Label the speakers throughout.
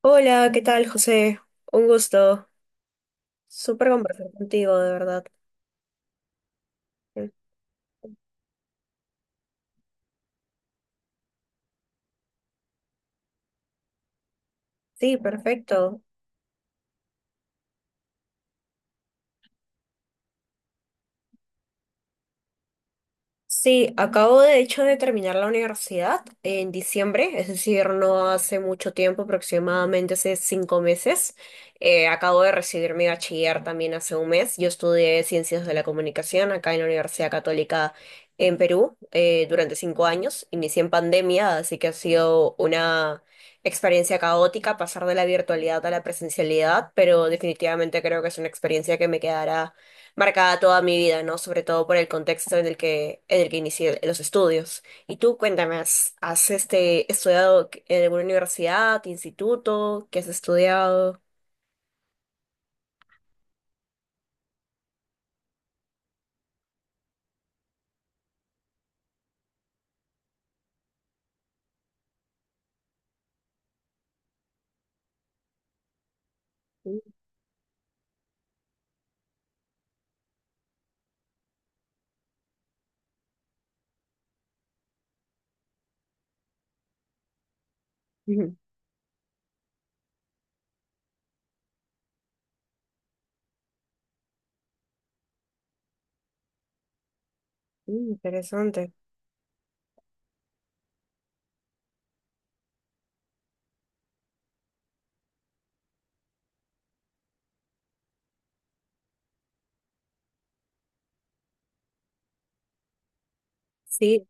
Speaker 1: Hola, ¿qué tal, José? Un gusto. Súper conversar contigo, de verdad. Sí, perfecto. Sí, acabo de hecho de terminar la universidad en diciembre, es decir, no hace mucho tiempo, aproximadamente hace 5 meses. Acabo de recibir mi bachiller también hace un mes. Yo estudié Ciencias de la Comunicación acá en la Universidad Católica en Perú durante 5 años. Inicié en pandemia, así que ha sido una experiencia caótica pasar de la virtualidad a la presencialidad, pero definitivamente creo que es una experiencia que me quedará marcada toda mi vida, ¿no? Sobre todo por el contexto en el que inicié los estudios. Y tú, cuéntame, estudiado en alguna universidad, instituto? ¿Qué has estudiado? Mm. Mm. Interesante. Sí,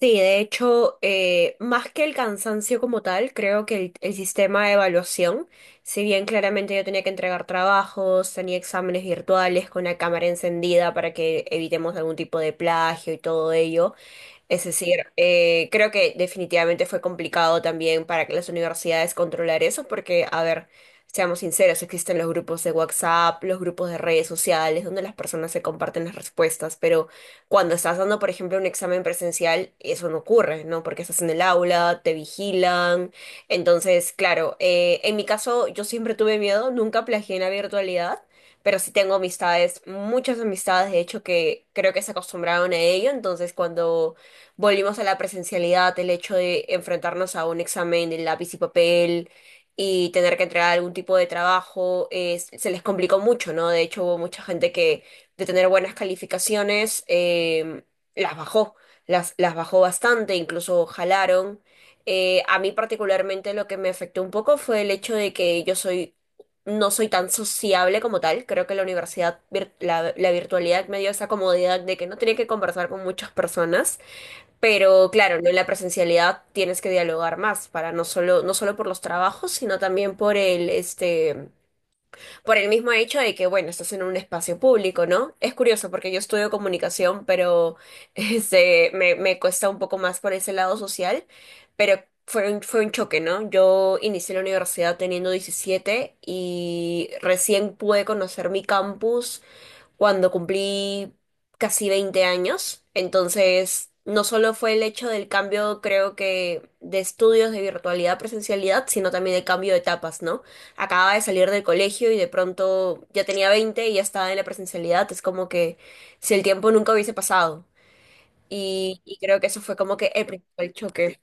Speaker 1: sí, de hecho, más que el cansancio como tal, creo que el sistema de evaluación, si bien claramente yo tenía que entregar trabajos, tenía exámenes virtuales con la cámara encendida para que evitemos algún tipo de plagio y todo ello. Es decir, creo que definitivamente fue complicado también para que las universidades controlar eso, porque, a ver, seamos sinceros, existen los grupos de WhatsApp, los grupos de redes sociales, donde las personas se comparten las respuestas, pero cuando estás dando, por ejemplo, un examen presencial, eso no ocurre, ¿no? Porque estás en el aula, te vigilan. Entonces, claro, en mi caso, yo siempre tuve miedo, nunca plagié en la virtualidad, pero sí tengo amistades, muchas amistades, de hecho, que creo que se acostumbraron a ello, entonces cuando volvimos a la presencialidad, el hecho de enfrentarnos a un examen de lápiz y papel y tener que entregar algún tipo de trabajo, se les complicó mucho, ¿no? De hecho, hubo mucha gente que de tener buenas calificaciones las bajó, las bajó bastante, incluso jalaron. A mí particularmente lo que me afectó un poco fue el hecho de que yo soy no soy tan sociable como tal. Creo que la virtualidad me dio esa comodidad de que no tenía que conversar con muchas personas. Pero claro, ¿no? En la presencialidad tienes que dialogar más para no solo por los trabajos, sino también por por el mismo hecho de que, bueno, estás en un espacio público, ¿no? Es curioso porque yo estudio comunicación, pero me cuesta un poco más por ese lado social, pero fue un choque, ¿no? Yo inicié la universidad teniendo 17 y recién pude conocer mi campus cuando cumplí casi 20 años. Entonces, no solo fue el hecho del cambio, creo que, de estudios de virtualidad a presencialidad, sino también el cambio de etapas, ¿no? Acababa de salir del colegio y de pronto ya tenía 20 y ya estaba en la presencialidad. Es como que si el tiempo nunca hubiese pasado. Y creo que eso fue como que el principal choque.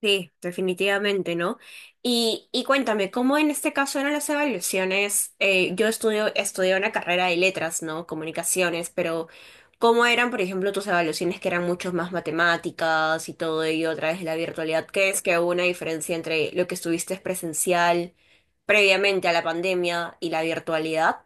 Speaker 1: Sí, definitivamente, ¿no? Y cuéntame, ¿cómo en este caso eran las evaluaciones? Yo estudié una carrera de letras, ¿no? Comunicaciones, pero ¿cómo eran, por ejemplo, tus evaluaciones que eran mucho más matemáticas y todo ello a través de la virtualidad? ¿Qué es que hubo una diferencia entre lo que estuviste presencial previamente a la pandemia y la virtualidad?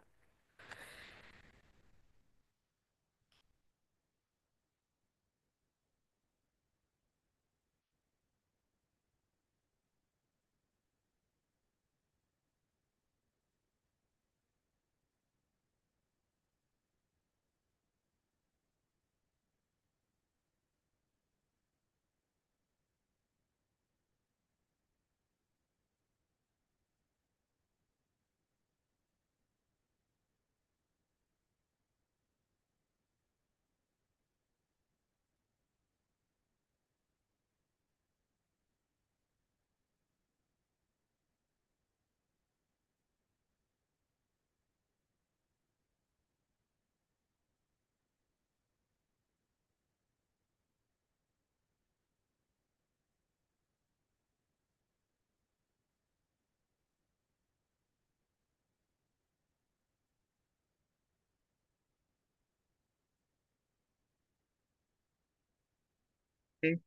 Speaker 1: Sí.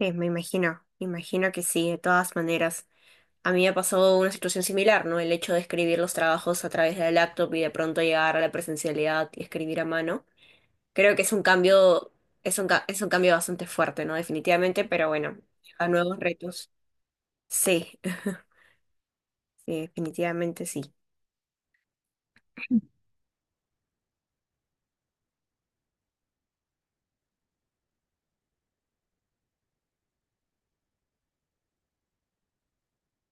Speaker 1: Sí, me imagino que sí, de todas maneras. A mí me ha pasado una situación similar, ¿no? El hecho de escribir los trabajos a través de la laptop y de pronto llegar a la presencialidad y escribir a mano. Creo que es un cambio, es un cambio bastante fuerte, ¿no? Definitivamente, pero bueno, a nuevos retos. Sí, sí, definitivamente sí.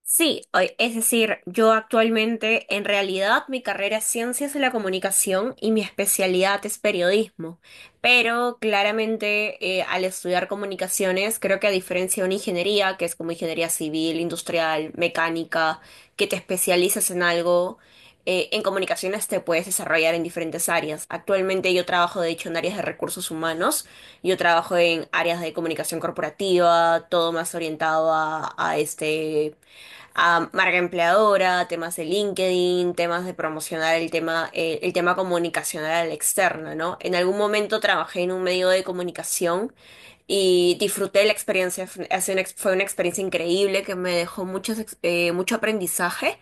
Speaker 1: Sí, es decir, yo actualmente en realidad mi carrera es Ciencias de la Comunicación y mi especialidad es periodismo, pero claramente al estudiar comunicaciones creo que a diferencia de una ingeniería, que es como ingeniería civil, industrial, mecánica, que te especializas en algo, en comunicaciones te puedes desarrollar en diferentes áreas. Actualmente yo trabajo de hecho en áreas de recursos humanos. Yo trabajo en áreas de comunicación corporativa, todo más orientado a a marca empleadora, temas de LinkedIn, temas de promocionar el tema comunicacional al externo, ¿no? En algún momento trabajé en un medio de comunicación y disfruté la experiencia. Fue una experiencia increíble que me dejó mucho aprendizaje,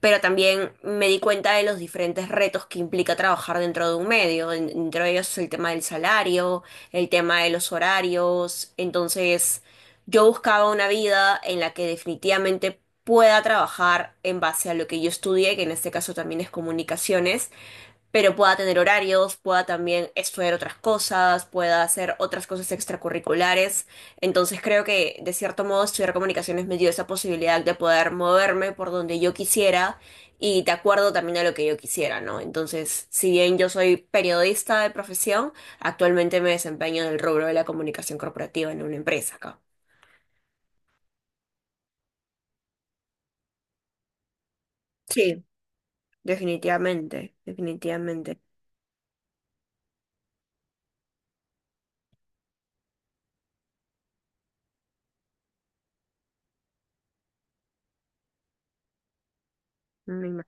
Speaker 1: pero también me di cuenta de los diferentes retos que implica trabajar dentro de un medio, entre ellos el tema del salario, el tema de los horarios, entonces yo buscaba una vida en la que definitivamente pueda trabajar en base a lo que yo estudié, que en este caso también es comunicaciones, pero pueda tener horarios, pueda también estudiar otras cosas, pueda hacer otras cosas extracurriculares. Entonces creo que de cierto modo estudiar comunicaciones me dio esa posibilidad de poder moverme por donde yo quisiera y de acuerdo también a lo que yo quisiera, ¿no? Entonces, si bien yo soy periodista de profesión, actualmente me desempeño en el rubro de la comunicación corporativa en una empresa acá. Sí, definitivamente, definitivamente. Me ima-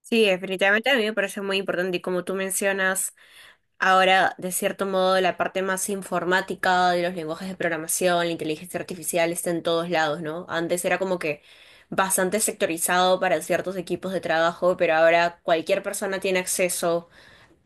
Speaker 1: Sí, definitivamente a mí me parece muy importante y como tú mencionas, ahora, de cierto modo, la parte más informática de los lenguajes de programación, la inteligencia artificial está en todos lados, ¿no? Antes era como que bastante sectorizado para ciertos equipos de trabajo, pero ahora cualquier persona tiene acceso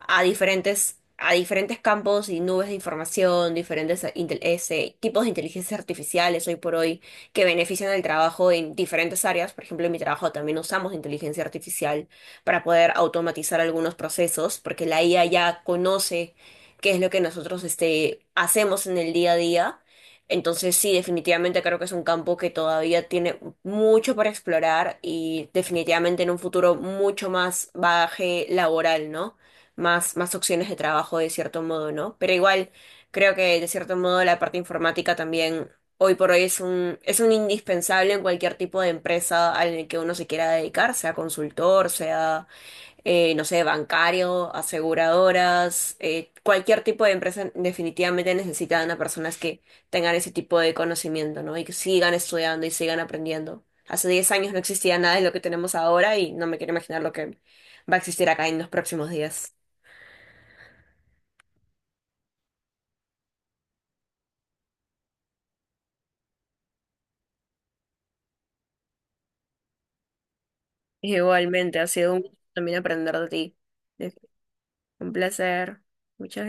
Speaker 1: a diferentes campos y nubes de información, diferentes tipos de inteligencias artificiales hoy por hoy que benefician el trabajo en diferentes áreas. Por ejemplo, en mi trabajo también usamos inteligencia artificial para poder automatizar algunos procesos, porque la IA ya conoce qué es lo que nosotros hacemos en el día a día. Entonces sí, definitivamente creo que es un campo que todavía tiene mucho para explorar y definitivamente en un futuro mucho más bagaje laboral, ¿no? Más opciones de trabajo de cierto modo, ¿no? Pero igual creo que de cierto modo la parte informática también hoy por hoy es un indispensable en cualquier tipo de empresa al que uno se quiera dedicar, sea consultor, sea, no sé, bancario, aseguradoras, cualquier tipo de empresa definitivamente necesitan a personas que tengan ese tipo de conocimiento, ¿no? Y que sigan estudiando y sigan aprendiendo. Hace 10 años no existía nada de lo que tenemos ahora y no me quiero imaginar lo que va a existir acá en los próximos días. Igualmente, ha sido un gusto también aprender de ti. Un placer. Muchas